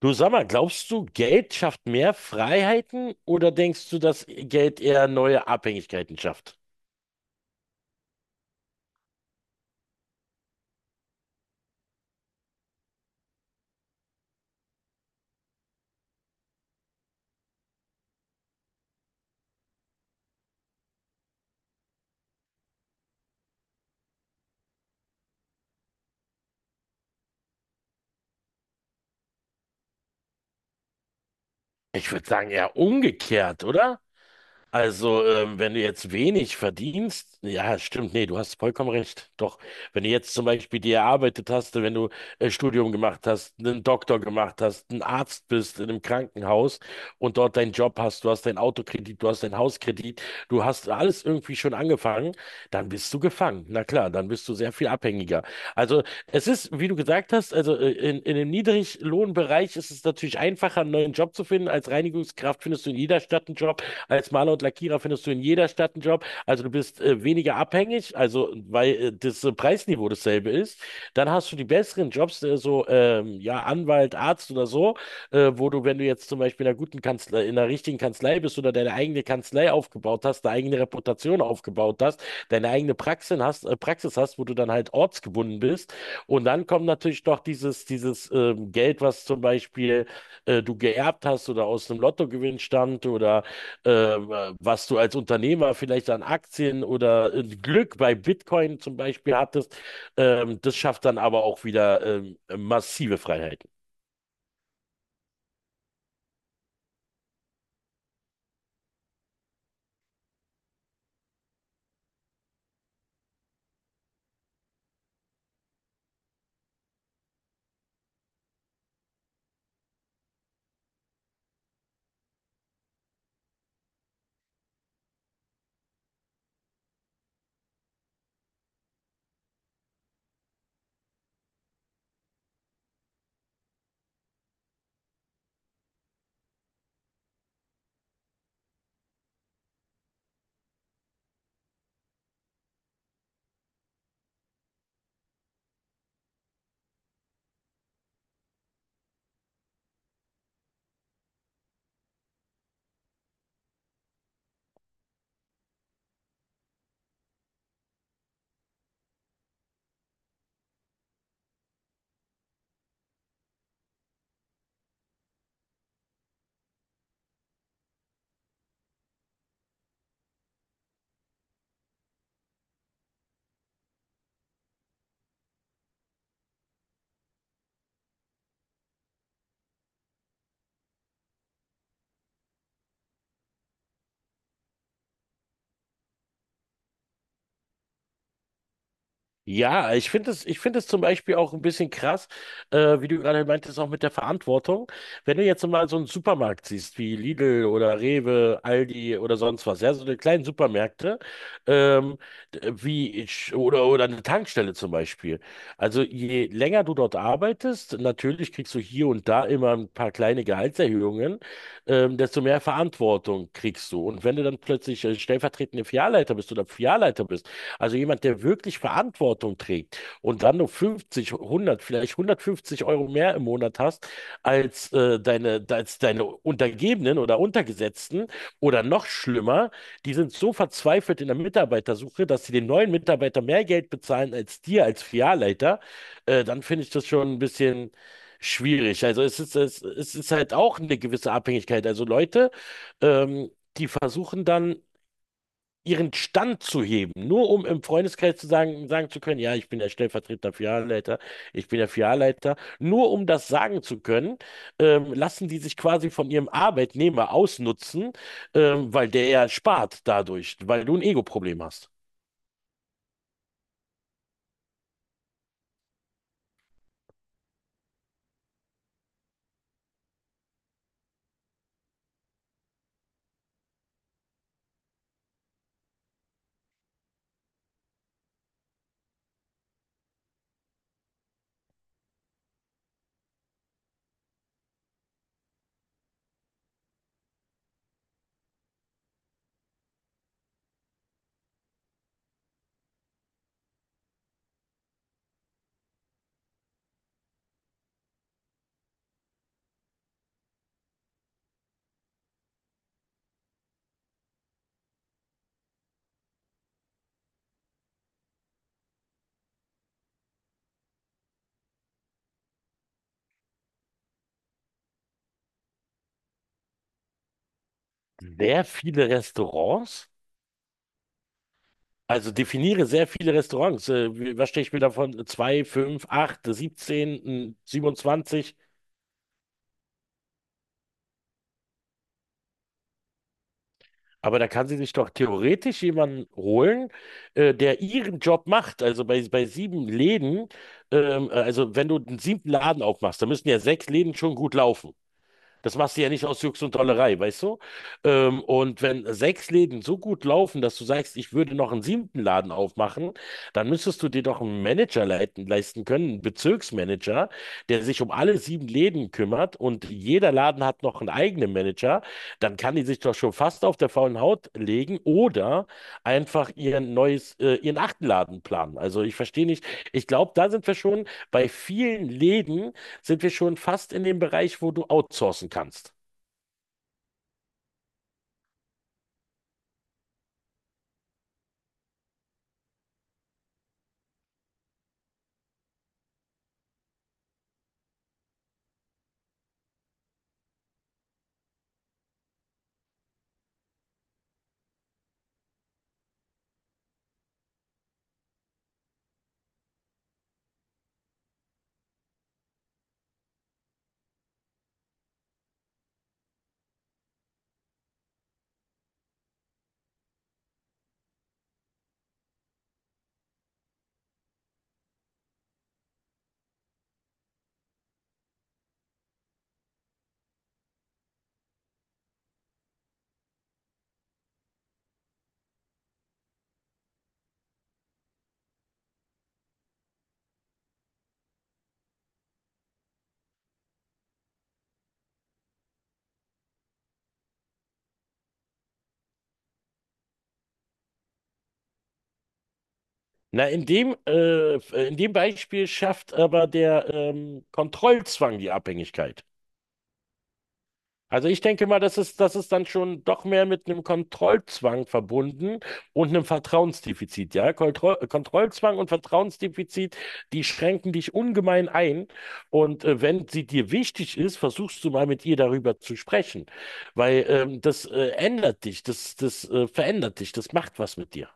Du, sag mal, glaubst du, Geld schafft mehr Freiheiten oder denkst du, dass Geld eher neue Abhängigkeiten schafft? Ich würde sagen, eher umgekehrt, oder? Also, wenn du jetzt wenig verdienst, ja, stimmt, nee, du hast vollkommen recht. Doch, wenn du jetzt zum Beispiel dir erarbeitet hast, wenn du Studium gemacht hast, einen Doktor gemacht hast, ein Arzt bist in einem Krankenhaus und dort deinen Job hast, du hast deinen Autokredit, du hast deinen Hauskredit, du hast alles irgendwie schon angefangen, dann bist du gefangen. Na klar, dann bist du sehr viel abhängiger. Also es ist, wie du gesagt hast, also in dem Niedriglohnbereich ist es natürlich einfacher, einen neuen Job zu finden. Als Reinigungskraft findest du in jeder Stadt einen Job, als Maler und Lackierer findest du in jeder Stadt einen Job. Also du bist weniger abhängig, nicht, also weil das Preisniveau dasselbe ist, dann hast du die besseren Jobs, ja, Anwalt, Arzt oder so, wo du, wenn du jetzt zum Beispiel in einer guten Kanzlei, in einer richtigen Kanzlei bist oder deine eigene Kanzlei aufgebaut hast, deine eigene Reputation aufgebaut hast, deine eigene Praxis hast, wo du dann halt ortsgebunden bist. Und dann kommt natürlich noch dieses Geld, was zum Beispiel du geerbt hast oder aus einem Lottogewinn stammt oder was du als Unternehmer vielleicht an Aktien oder Glück bei Bitcoin zum Beispiel hattest, das schafft dann aber auch wieder massive Freiheiten. Ja, ich finde es zum Beispiel auch ein bisschen krass, wie du gerade meintest, auch mit der Verantwortung. Wenn du jetzt mal so einen Supermarkt siehst, wie Lidl oder Rewe, Aldi oder sonst was, ja, so eine kleinen Supermärkte, ähm, wie ich, oder eine Tankstelle zum Beispiel. Also je länger du dort arbeitest, natürlich kriegst du hier und da immer ein paar kleine Gehaltserhöhungen, desto mehr Verantwortung kriegst du. Und wenn du dann plötzlich stellvertretende Filialleiter bist oder Filialleiter bist, also jemand, der wirklich Verantwortung trägt und dann nur 50, 100, vielleicht 150 € mehr im Monat hast als als deine Untergebenen oder Untergesetzten oder noch schlimmer, die sind so verzweifelt in der Mitarbeitersuche, dass sie den neuen Mitarbeiter mehr Geld bezahlen als dir als Filialleiter, dann finde ich das schon ein bisschen schwierig. Also es ist halt auch eine gewisse Abhängigkeit. Also Leute, ähm, die versuchen dann ihren Stand zu heben, nur um im Freundeskreis sagen zu können, ja, ich bin der stellvertretende Filialleiter, ich bin der Filialleiter, nur um das sagen zu können, lassen die sich quasi von ihrem Arbeitnehmer ausnutzen, weil der ja spart dadurch, weil du ein Ego-Problem hast. Sehr viele Restaurants, also definiere sehr viele Restaurants. Wie- was stehe ich mir davon? 2, 5, 8, 17, 27. Aber da kann sie sich doch theoretisch jemanden holen, der ihren Job macht. Also bei sieben Läden, also wenn du einen siebten Laden aufmachst, dann müssen ja sechs Läden schon gut laufen. Das machst du ja nicht aus Jux und Dollerei, weißt du? Und wenn sechs Läden so gut laufen, dass du sagst, ich würde noch einen siebten Laden aufmachen, dann müsstest du dir doch einen Manager leisten können, einen Bezirksmanager, der sich um alle sieben Läden kümmert und jeder Laden hat noch einen eigenen Manager. Dann kann die sich doch schon fast auf der faulen Haut legen oder einfach ihren achten Laden planen. Also ich verstehe nicht. Ich glaube, da sind wir schon bei vielen Läden sind wir schon fast in dem Bereich, wo du outsourcen kannst. Na, in dem Beispiel schafft aber der Kontrollzwang die Abhängigkeit. Also ich denke mal, das ist dann schon doch mehr mit einem Kontrollzwang verbunden und einem Vertrauensdefizit. Ja? Kontrollzwang und Vertrauensdefizit, die schränken dich ungemein ein. Und wenn sie dir wichtig ist, versuchst du mal mit ihr darüber zu sprechen, weil das ändert dich, das verändert dich, das macht was mit dir.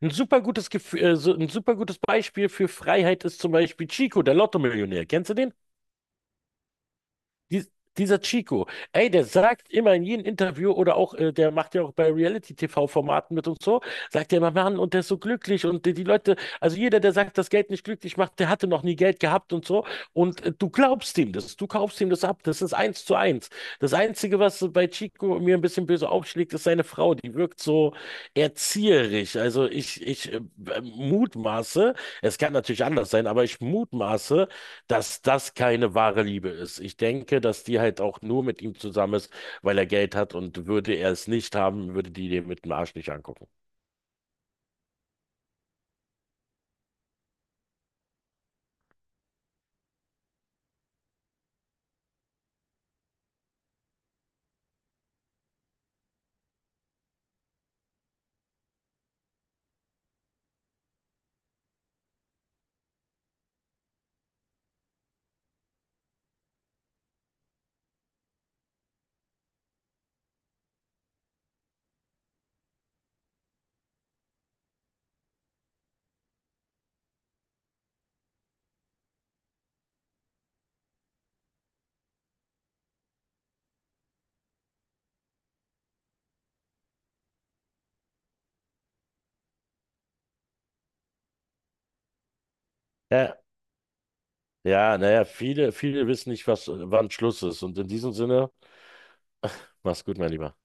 Ein super gutes Gefühl, so ein super gutes Beispiel für Freiheit ist zum Beispiel Chico, der Lotto-Millionär. Kennst du den? Dies, dieser Chico, ey, der sagt immer in jedem Interview oder auch, der macht ja auch bei Reality-TV-Formaten mit und so, sagt er immer, Mann, und der ist so glücklich und die Leute, also jeder, der sagt, dass Geld nicht glücklich macht, der hatte noch nie Geld gehabt und so. Und du glaubst ihm das, du kaufst ihm das ab, das ist eins zu eins. Das Einzige, was bei Chico mir ein bisschen böse aufschlägt, ist seine Frau, die wirkt so erzieherisch. Also ich mutmaße, es kann natürlich anders sein, aber ich mutmaße, dass das keine wahre Liebe ist. Ich denke, dass die halt auch nur mit ihm zusammen ist, weil er Geld hat und würde er es nicht haben, würde die den mit dem Arsch nicht angucken. Ja, ja, naja, viele wissen nicht, was, wann Schluss ist. Und in diesem Sinne, mach's gut, mein Lieber.